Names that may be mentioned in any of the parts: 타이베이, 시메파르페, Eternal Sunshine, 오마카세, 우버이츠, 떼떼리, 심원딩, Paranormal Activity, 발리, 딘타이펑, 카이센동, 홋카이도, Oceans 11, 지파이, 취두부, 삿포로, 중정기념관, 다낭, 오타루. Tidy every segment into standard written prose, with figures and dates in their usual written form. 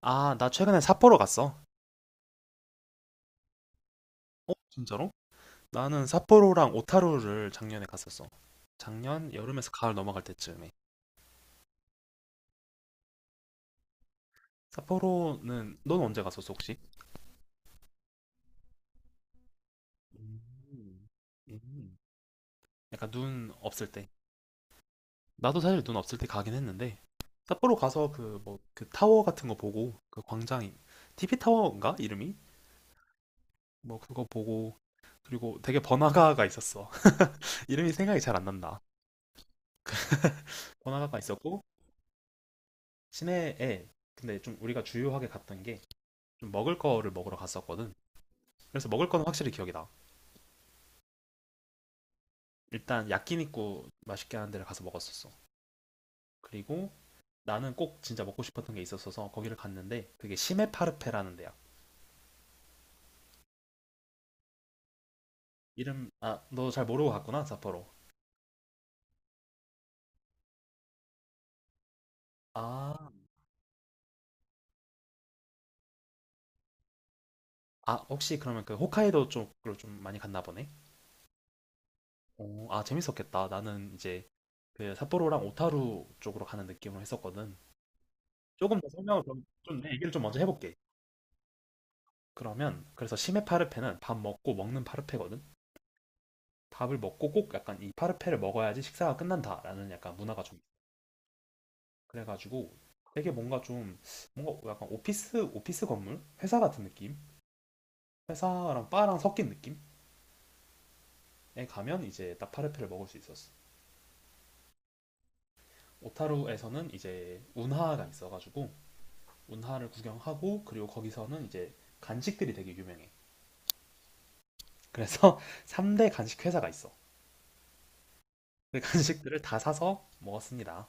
아, 나 최근에 삿포로 갔어. 어, 진짜로? 나는 삿포로랑 오타루를 작년에 갔었어. 작년 여름에서 가을 넘어갈 때쯤에. 삿포로는 넌 언제 갔었어, 혹시? 음, 음. 약간 눈 없을 때. 나도 사실 눈 없을 때 가긴 했는데, 삿포로 가서 그 뭐 그 타워 같은 거 보고, 그 광장이 TV 타워인가 이름이? 뭐 그거 보고, 그리고 되게 번화가가 있었어. 이름이 생각이 잘 안 난다. 번화가가 있었고, 시내에. 근데 좀 우리가 주요하게 갔던 게 좀 먹을 거를 먹으러 갔었거든. 그래서 먹을 거는 확실히 기억이 나. 일단 야끼니쿠 맛있게 하는 데를 가서 먹었었어. 그리고 나는 꼭 진짜 먹고 싶었던 게 있었어서 거기를 갔는데, 그게 시메파르페라는 데야. 이름, 아 너 잘 모르고 갔구나, 삿포로. 아, 아 혹시 그러면 그 홋카이도 쪽으로 좀 많이 갔나 보네. 오, 아 재밌었겠다. 나는 이제 그 삿포로랑 오타루 쪽으로 가는 느낌으로 했었거든. 조금 더 설명을 좀내 얘기를 좀 먼저 해볼게. 그러면, 그래서 시메 파르페는 밥 먹고 먹는 파르페거든. 밥을 먹고 꼭 약간 이 파르페를 먹어야지 식사가 끝난다라는 약간 문화가 좀. 그래가지고 되게 뭔가 좀, 뭔가 약간 오피스 건물, 회사 같은 느낌. 회사랑 바랑 섞인 느낌에 가면 이제 딱 파르페를 먹을 수 있었어. 오타루에서는 이제 운하가 있어가지고 운하를 구경하고, 그리고 거기서는 이제 간식들이 되게 유명해. 그래서 3대 간식 회사가 있어. 그 간식들을 다 사서 먹었습니다.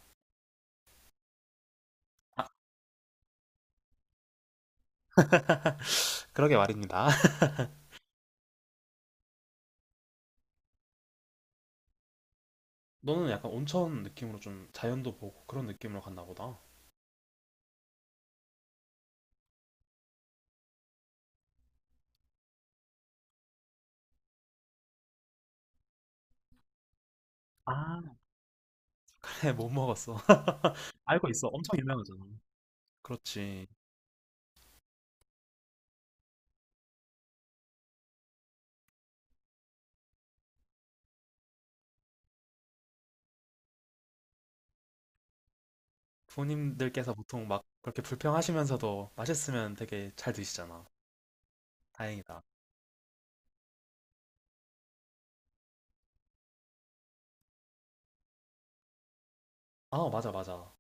그러게 말입니다. 너는 약간 온천 느낌으로 좀 자연도 보고 그런 느낌으로 갔나 보다. 아, 그래, 못 먹었어. 알고 있어. 엄청 유명하잖아. 그렇지. 부모님들께서 보통 막 그렇게 불평하시면서도 맛있으면 되게 잘 드시잖아. 다행이다. 아, 맞아, 맞아.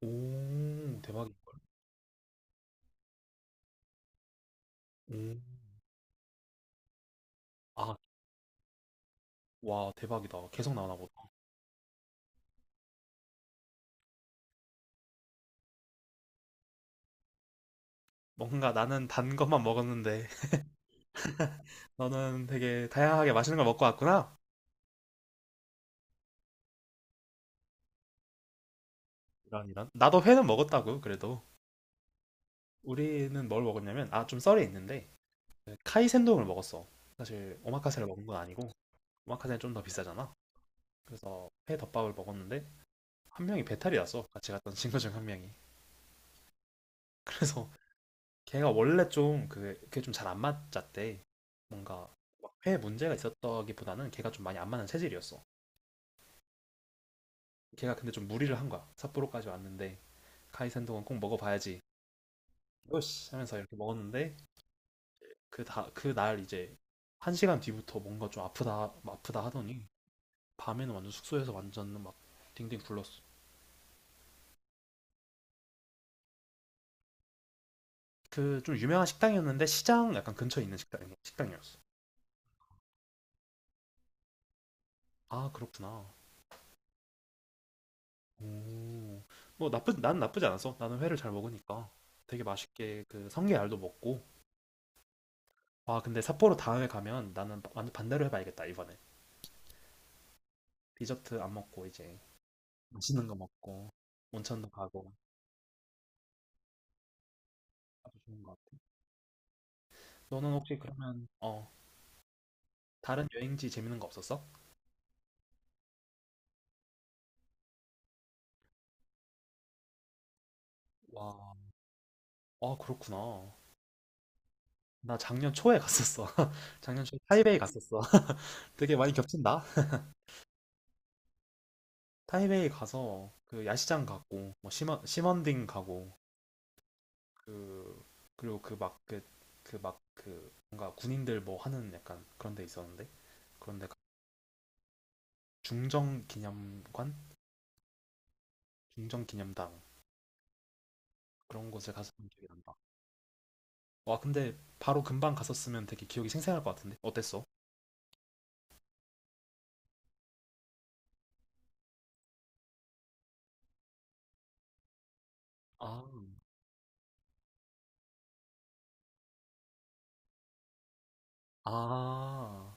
오, 대박이다. 오. 아, 와, 대박이다. 계속 나오나 보다. 뭔가 나는 단 것만 먹었는데, 너는 되게 다양하게 맛있는 걸 먹고 왔구나. 이런, 이런. 나도 회는 먹었다고, 그래도. 우리는 뭘 먹었냐면, 아, 좀 썰이 있는데, 그 카이센동을 먹었어. 사실, 오마카세를 먹은 건 아니고, 오마카세는 좀 더 비싸잖아. 그래서 회 덮밥을 먹었는데, 한 명이 배탈이 났어. 같이 갔던 친구 중 한 명이. 그래서 걔가 원래 좀 그, 그게 좀 잘 안 맞았대. 뭔가 막회 문제가 있었다기보다는 걔가 좀 많이 안 맞는 체질이었어. 걔가 근데 좀 무리를 한 거야. 삿포로까지 왔는데 카이센동은 꼭 먹어봐야지. 요시 하면서 이렇게 먹었는데, 그 다 그 날 이제 한 시간 뒤부터 뭔가 좀 아프다 아프다 하더니 밤에는 완전 숙소에서 완전 막 딩딩 굴렀어. 그 좀 유명한 식당이었는데, 시장 약간 근처에 있는 식당이었어. 아, 그렇구나. 오. 뭐 나쁘 난 나쁘지 않았어. 나는 회를 잘 먹으니까 되게 맛있게 그 성게알도 먹고. 와, 근데 삿포로 다음에 가면 나는 바- 완전 반대로 해봐야겠다, 이번에. 디저트 안 먹고, 이제 맛있는 거 먹고, 온천도 가고. 아주 좋은 것 같아. 너는 혹시 그러면 어 다른 여행지 재밌는 거 없었어? 와, 아 그렇구나. 나 작년 초에 갔었어. 작년 초에 타이베이 갔었어. 되게 많이 겹친다. 타이베이 가서 그 야시장 가고, 뭐 심원 심원딩 가고, 그, 그리고 그막그 그 막 그 뭔가 군인들 뭐 하는 약간 그런 데 있었는데, 그런데 중정 기념관, 중정 기념당. 그런 곳을 갔었본 기억이 난다. 와, 근데 바로 금방 갔었으면 되게 기억이 생생할 것 같은데 어땠어? 아, 아,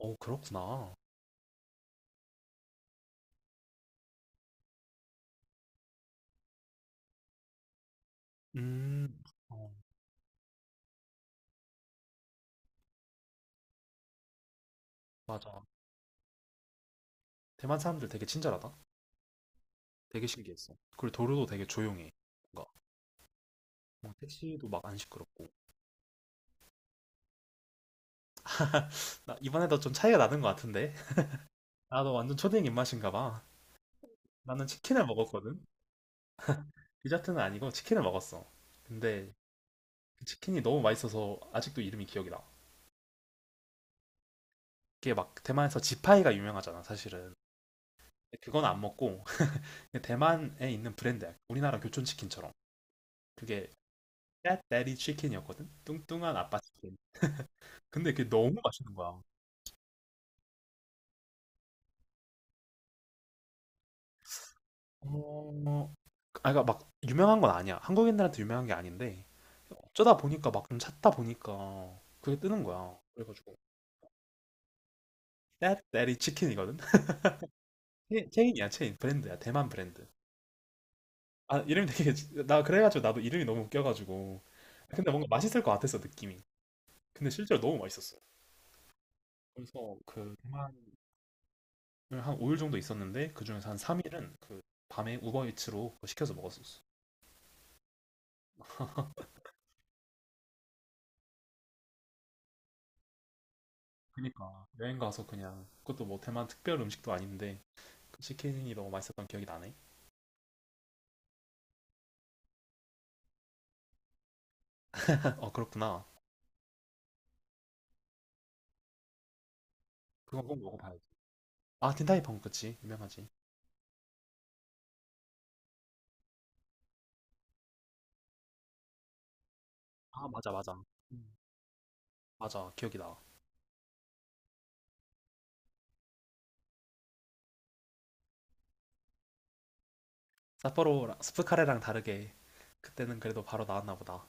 어 그렇구나. 음, 어, 맞아. 대만 사람들 되게 친절하다. 되게 신기했어. 그리고 도로도 되게 조용해. 뭔가 막 택시도 막 안 시끄럽고. 나 이번에도 좀 차이가 나는 것 같은데. 나도 완전 초딩 입맛인가 봐. 나는 치킨을 먹었거든. 디저트는 아니고 치킨을 먹었어. 근데 그 치킨이 너무 맛있어서 아직도 이름이 기억이 나. 이게 막 대만에서 지파이가 유명하잖아, 사실은. 근데 그건 안 먹고. 근데 대만에 있는 브랜드야. 우리나라 교촌 치킨처럼. 그게 떼떼리 치킨이었거든. 뚱뚱한 아빠 치킨. 근데 그게 너무 맛있는 거야. 어, 아, 그러니까 막 유명한 건 아니야. 한국인들한테 유명한 게 아닌데 어쩌다 보니까 막 좀 찾다 보니까 그게 뜨는 거야. 그래가지고 떼떼리 치킨이거든. 체인이야, 체인 브랜드야, 대만 브랜드. 아 이름이 되게. 나 그래가지고 나도 이름이 너무 웃겨가지고. 근데 뭔가 맛있을 것 같았어, 느낌이. 근데 실제로 너무 맛있었어. 그래서 그 대만을 한 5일 정도 있었는데, 그중에서 한 3일은 그 밤에 우버이츠로 시켜서 먹었었어. 그니까 여행 가서 그냥, 그것도 뭐 대만 특별 음식도 아닌데, 그 치킨이 너무 맛있었던 기억이 나네. 어 그렇구나. 그건 꼭 먹어봐야지. 아, 딘타이펑 그치, 유명하지. 아 맞아 맞아. 음, 맞아 기억이 나. 사포로 스프카레랑 다르게 그때는 그래도 바로 나왔나 보다.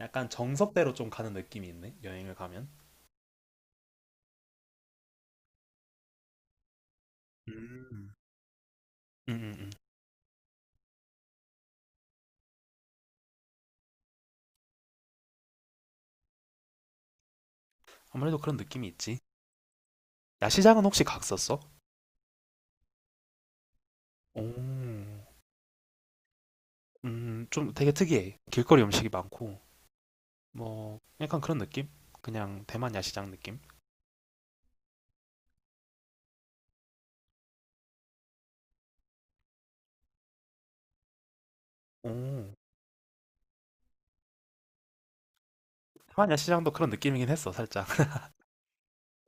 약간 정석대로 좀 가는 느낌이 있네. 여행을 가면. 음. 음, 음, 음. 아무래도 그런 느낌이 있지. 야시장은 혹시 갔었어? 오, 좀 되게 특이해. 길거리 음식이 많고, 뭐, 약간 그런 느낌? 그냥 대만 야시장 느낌? 오, 대만 야시장도 그런 느낌이긴 했어, 살짝.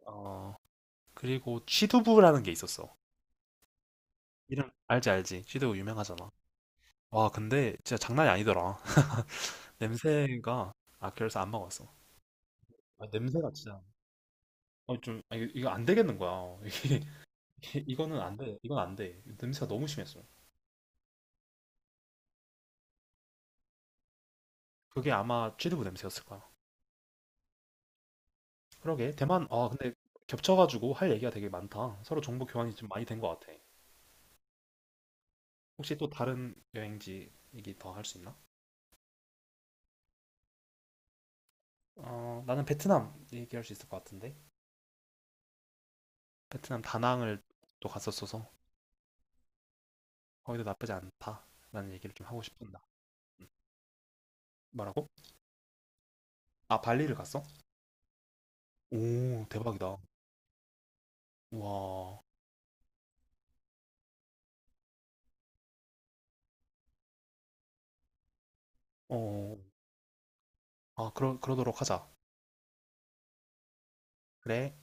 어, 그리고 취두부라는 게 있었어. 이름 알지, 알지. 취두부 유명하잖아. 와, 근데 진짜 장난이 아니더라. 냄새가, 아 그래서 안 먹었어. 아, 냄새가 진짜, 어, 좀 아, 이거 안 되겠는 거야. 이게 이거는 안 돼. 이건 안 돼. 냄새가 너무 심했어. 그게 아마 취두부 냄새였을 거야. 그러게, 대만. 아 근데 겹쳐가지고 할 얘기가 되게 많다. 서로 정보 교환이 좀 많이 된 것 같아. 혹시 또 다른 여행지 얘기 더 할 수 있나? 어 나는 베트남 얘기할 수 있을 것 같은데. 베트남 다낭을 또 갔었어서 거기도 나쁘지 않다라는 얘기를 좀 하고 싶은다. 뭐라고? 아 발리를 갔어? 오 대박이다. 우와. 어. 아, 그러도록 하자. 그래.